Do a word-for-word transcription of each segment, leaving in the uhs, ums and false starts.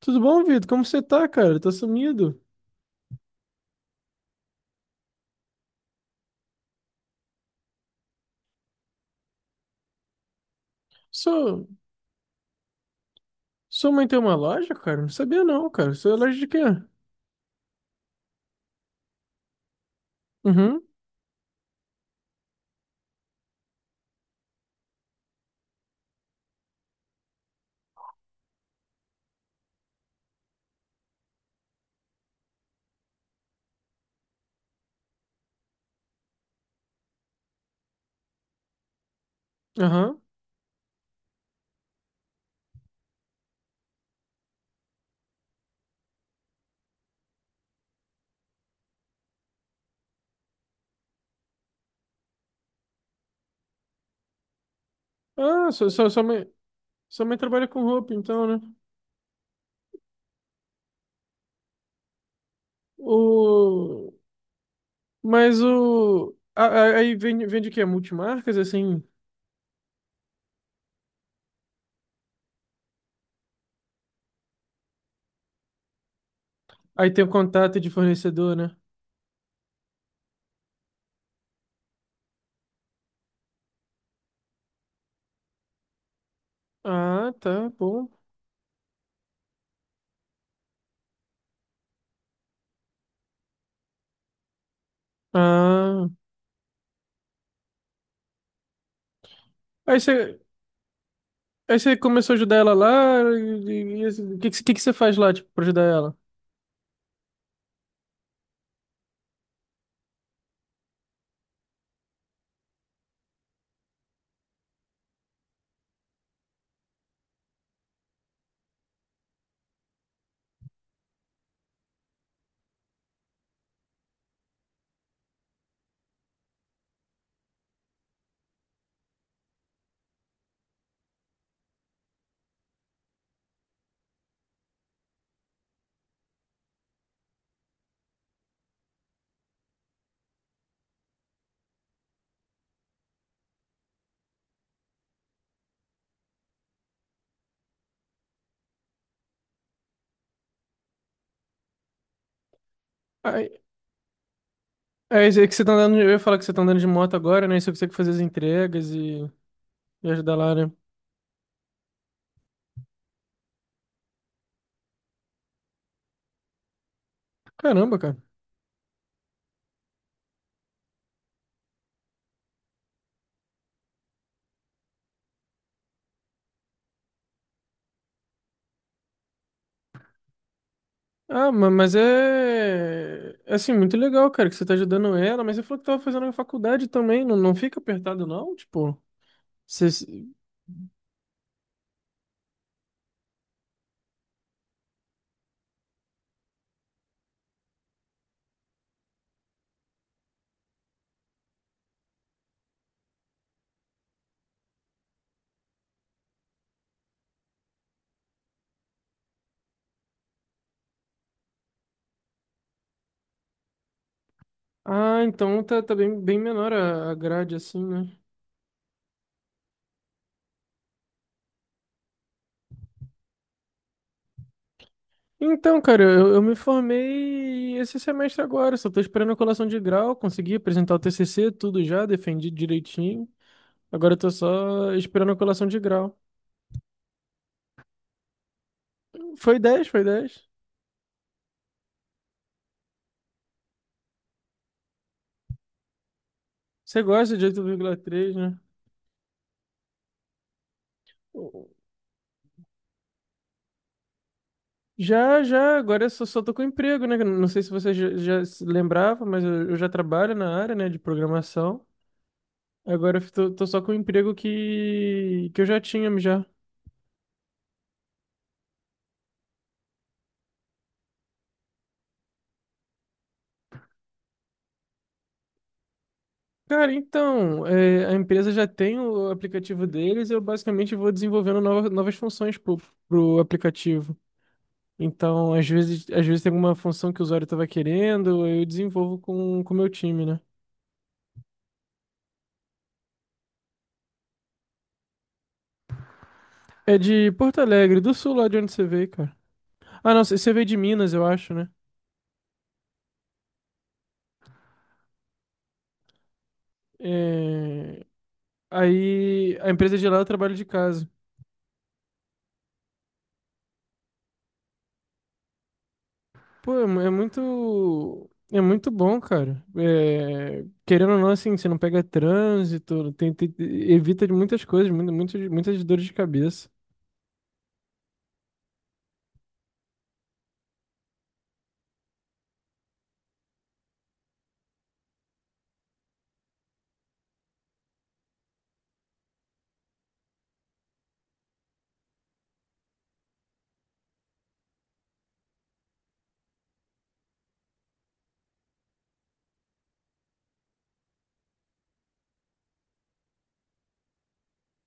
Tudo bom, Vitor? Como você tá, cara? Tá sumido? Sua, sua mãe tem uma loja, cara? Não sabia não, cara. Sua loja de quê? Uhum. Aham. Ah, sua, sua, sua mãe, sua mãe trabalha com roupa, então, né? O... Mas o... a- a- Aí vende, vende o quê? Multimarcas, assim? Aí tem o contato de fornecedor, né? Ah, tá, bom. Ah... Aí você... Aí você começou a ajudar ela lá, e e- e- o que, que, você- o que que você faz lá, tipo, pra ajudar ela? É isso aí que você tá andando. De- Eu ia falar que você tá andando de moto agora, né? Isso que você consegue fazer as entregas e, e ajudar lá, né? Caramba, cara. Ah, ma- mas é. é, Assim, muito legal, cara, que você tá ajudando ela, mas você falou que tava fazendo na faculdade também. Não, não fica apertado, não? Tipo, você. Ah, então tá, tá bem, bem menor a, a grade, assim, né? Então, cara, eu, eu me formei esse semestre agora, só tô esperando a colação de grau, consegui apresentar o T C C, tudo já, defendi direitinho. Agora eu tô só esperando a colação de grau. Foi dez, foi dez. Você gosta de oito vírgula três, né? Já, já, agora eu só, só tô com emprego, né? Não sei se você já, já se lembrava, mas eu, eu já trabalho na área, né, de programação. Agora eu tô, tô só com o emprego que, que eu já tinha já. Cara, então, é, a empresa já tem o aplicativo deles, eu basicamente vou desenvolvendo novas, novas funções pro, pro aplicativo. Então, às vezes, às vezes tem alguma função que o usuário estava querendo, eu desenvolvo com com o meu time, né? É de Porto Alegre, do sul, lá de onde você veio, cara. Ah, não, você veio de Minas, eu acho, né? É. Aí, a empresa de lá eu trabalho de casa. Pô, é mu- é muito, é muito bom, cara. É, querendo ou não, assim, você não pega trânsito, tem, tem- evita de muitas coisas, muitas, muitas, muitas dores de cabeça.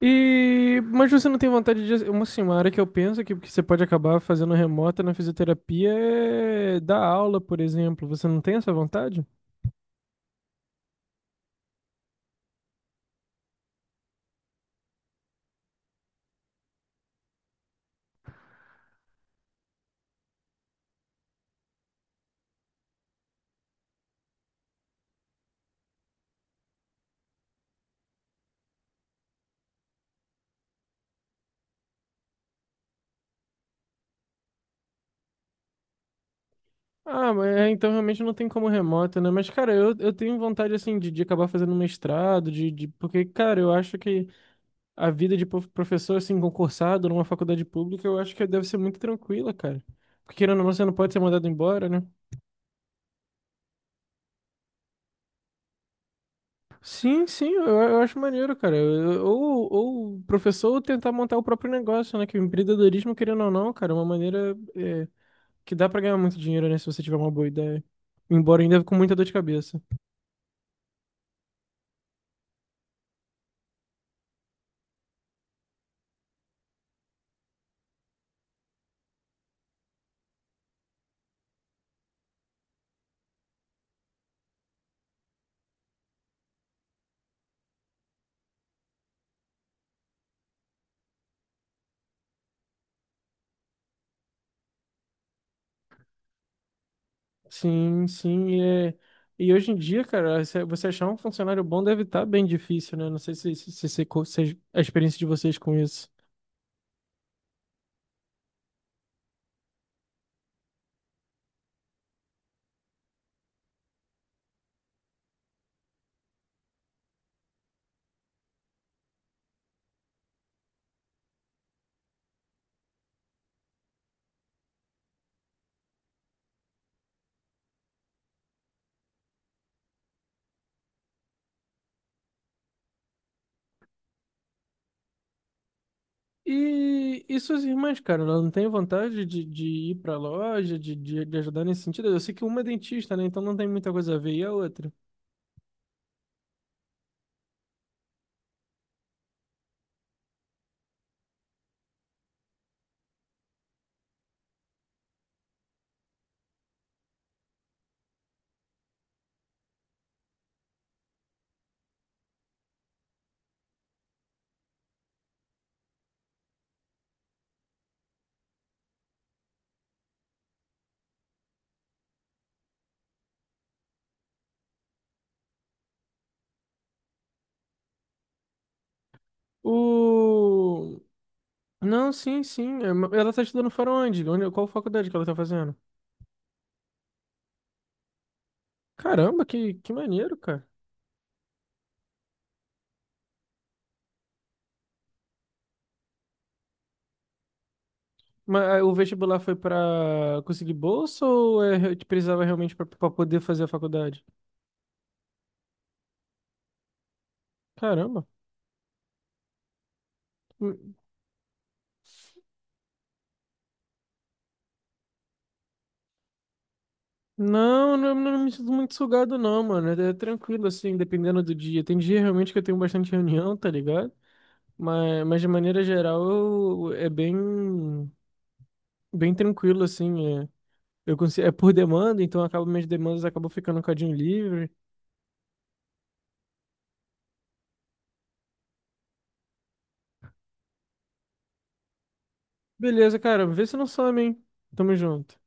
E, mas você não tem vontade de, uma, assim, uma área que eu penso que, que você pode acabar fazendo remota na fisioterapia é dar aula, por exemplo. Você não tem essa vontade? Ah, mas é, então realmente não tem como remoto, né? Mas, cara, eu, eu tenho vontade, assim, de, de acabar fazendo um mestrado, de, de... Porque, cara, eu acho que a vida de prof- professor, assim, concursado numa faculdade pública, eu acho que deve ser muito tranquila, cara. Porque, querendo ou não, você não pode ser mandado embora, né? Sim, sim, eu, eu acho maneiro, cara. Eu- Ou, ou o professor tentar montar o próprio negócio, né? Que o empreendedorismo, querendo ou não, cara, é uma maneira é, que dá pra ganhar muito dinheiro, né? Se você tiver uma boa ideia. Embora ainda com muita dor de cabeça. Sim, sim, e, é- e hoje em dia, cara, se- você achar um funcionário bom deve estar bem difícil, né? Não sei se, se, se, se, co- se a experiência de vocês com isso. E, e suas irmãs, cara, elas não têm vontade de, de ir pra loja, de, de, de ajudar nesse sentido? Eu sei que uma é dentista, né? Então não tem muita coisa a ver. E a outra? O... Não, sim, sim. é, ma- Ela tá estudando fora onde? Onde- Qual faculdade que ela tá fazendo? Caramba, que, que maneiro, cara. Mas ah, o vestibular foi pra conseguir bolsa ou é, te precisava realmente pra pra poder fazer a faculdade? Caramba. N- Não, não, não me sinto muito sugado não, mano. É é tranquilo assim, dependendo do dia. Tem dia realmente que eu tenho bastante reunião, tá ligado? Mas, mas de maneira geral eu- é bem, bem tranquilo assim. É, eu consigo, é por demanda, então acabo minhas demandas acabam ficando um cadinho livre. Beleza, cara. Vê se não some, hein? Tamo junto.